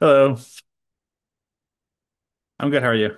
Hello, I'm good. How are you?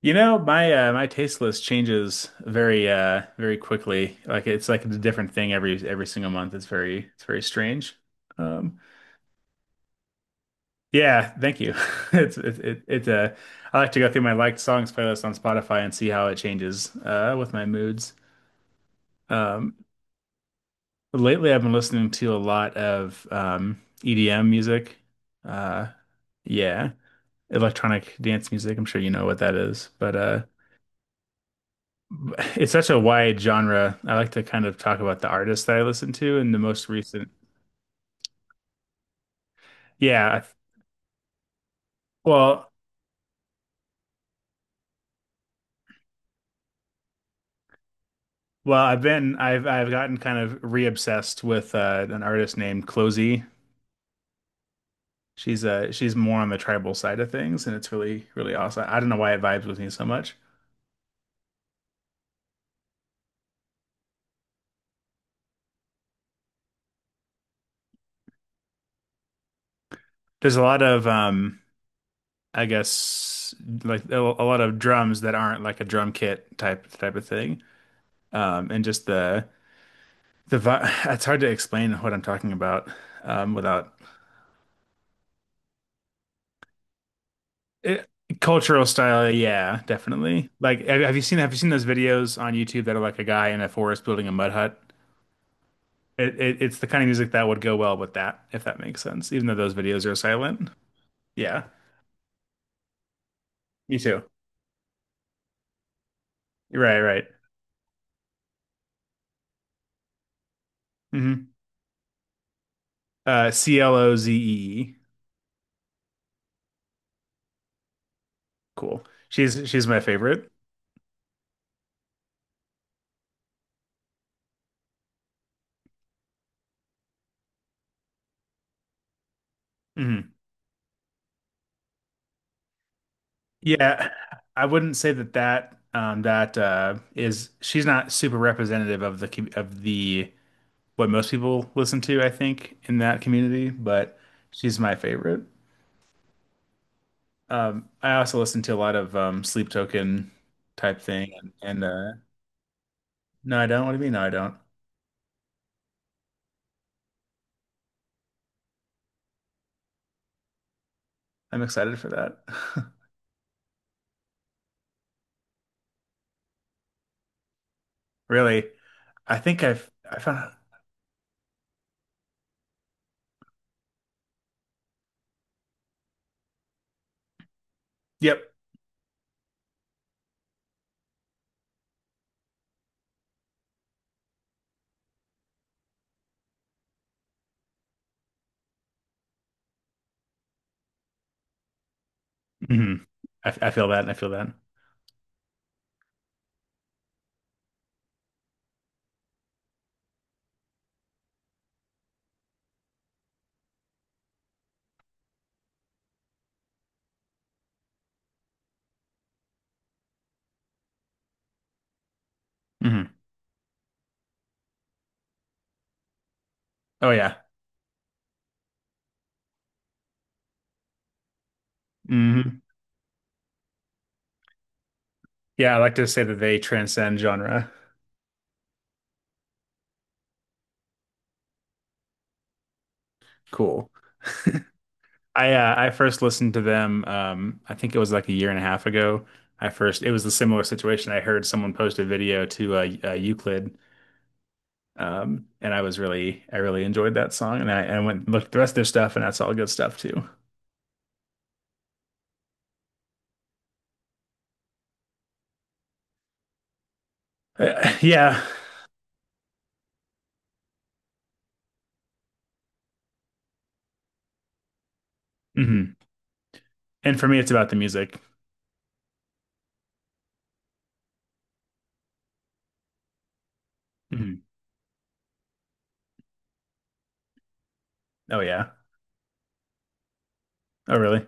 You know, my taste list changes very very quickly. Like it's like a different thing every single month. It's very strange. Um, yeah, thank you. It's it it, it I like to go through my liked songs playlist on Spotify and see how it changes with my moods. Um, Lately I've been listening to a lot of EDM music. Uh, yeah, electronic dance music. I'm sure you know what that is, but. It's such a wide genre. I like to kind of talk about the artists that I listen to and the most recent. Yeah, I- well, well, I've been I've gotten kind of re-obsessed with an artist named Closey. She's more on the tribal side of things, and it's really really awesome. I don't know why it vibes with me so much. There's a lot of I guess like a lot of drums that aren't like a drum kit type of thing. And just the vi It's hard to explain what I'm talking about without It, Cultural style, yeah, definitely. Like, have you seen those videos on YouTube that are like a guy in a forest building a mud hut? It's the kind of music that would go well with that, if that makes sense. Even though those videos are silent. Yeah, me too. Right, right. Hmm. Clozee. Cool. She's my favorite. Hmm. Yeah, I wouldn't say that that that is she's not super representative of the what most people listen to, I think, in that community, but she's my favorite. I also listen to a lot of Sleep Token type thing, and No, I don't. What do you mean? No, I don't. I'm excited for that. Really, I think I found. Yep. Hmm. I feel that, I feel that. Hmm. Oh yeah. Hmm. Yeah, I like to say that they transcend genre. Cool. I first listened to them. I think it was like a year and a half ago. I first It was a similar situation. I heard someone post a video to Euclid, and I really enjoyed that song. And I went and looked at the rest of their stuff, and that's all good stuff too. Yeah. Hmm. And for me, it's about the music. Hmm. Oh yeah. Oh really?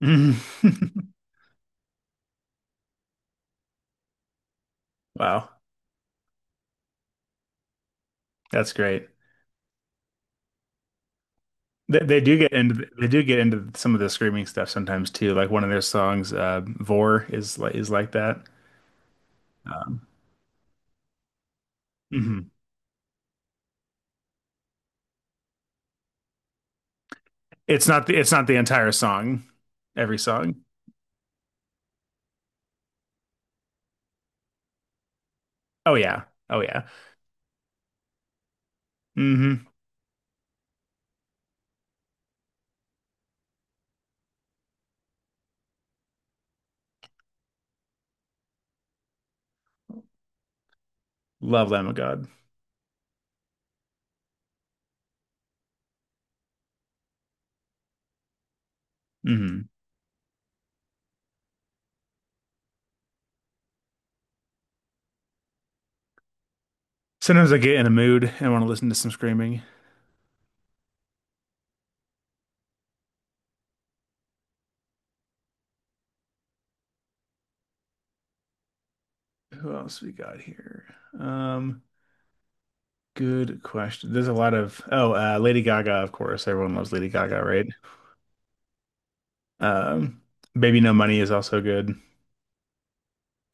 Wow, that's great. They do get into they do get into some of the screaming stuff sometimes too. Like one of their songs, "Vor" is like that. Um, hmm. It's not the entire song, every song. Oh yeah, oh yeah. Hmm. Love Lamb of God. Hmm. Sometimes I get in a mood and want to listen to some screaming. Who else we got here? Um, Good question. There's a lot of oh, Lady Gaga, of course. Everyone loves Lady Gaga, right? Um, Baby No Money is also good.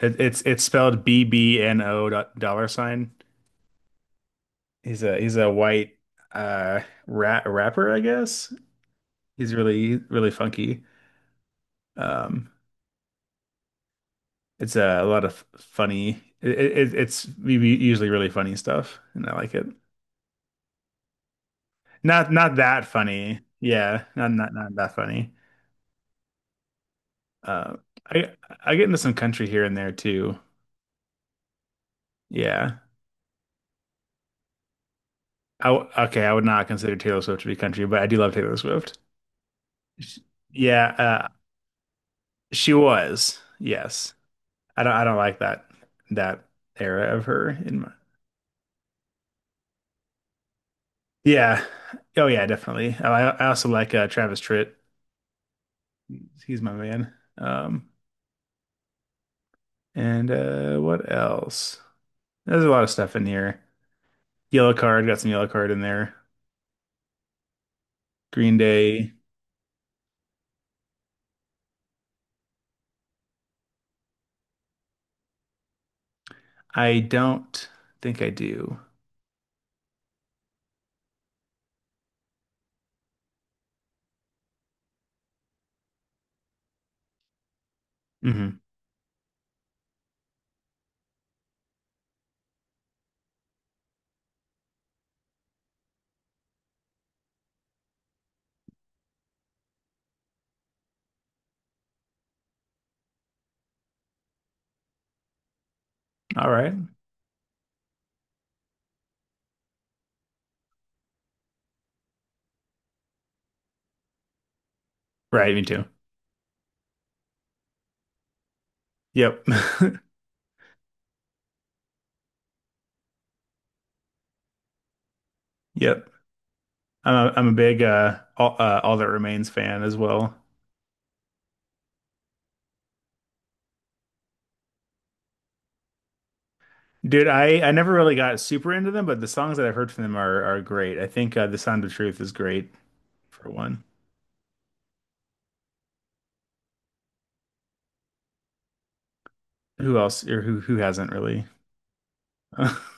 It's spelled bbno$. He's a white uh rapper, I guess. He's really really funky. Um, it's a lot of funny. It's usually really funny stuff, and I like it. Not that funny. Yeah, not that funny. Uh, I I get into some country here and there too. Yeah. I w Okay, I would not consider Taylor Swift to be country, but I do love Taylor Swift. Sh- Yeah, she was. Yes. I don't like that that era of her in my Yeah. Oh yeah, definitely. I also like Travis Tritt. He's my man. And what else? There's a lot of stuff in here. Yellow card, got some yellow card in there. Green Day. I don't think I do. Hmm. All right. Right, me too. Yep. Yep. I'm a big All That Remains fan as well. Dude, I never really got super into them, but the songs that I've heard from them are great. I think The Sound of Truth is great for one. Who else or who hasn't really?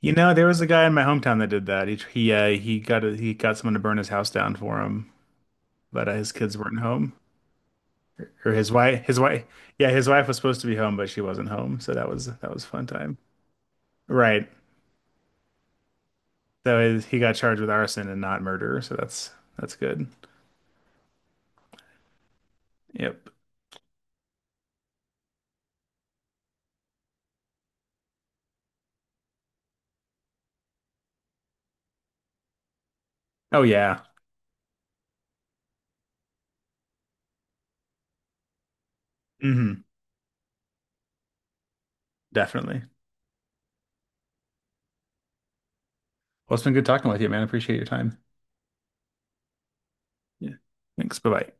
You know, there was a guy in my hometown that did that. He got someone to burn his house down for him, but his kids weren't home, or his wife yeah, his wife was supposed to be home, but she wasn't home, so that was a fun time. Right. So he got charged with arson and not murder, so that's good. Yep. Oh yeah. Hmm. Definitely. Well, it's been good talking with you, man. Appreciate your time. Yeah. Thanks. Bye bye.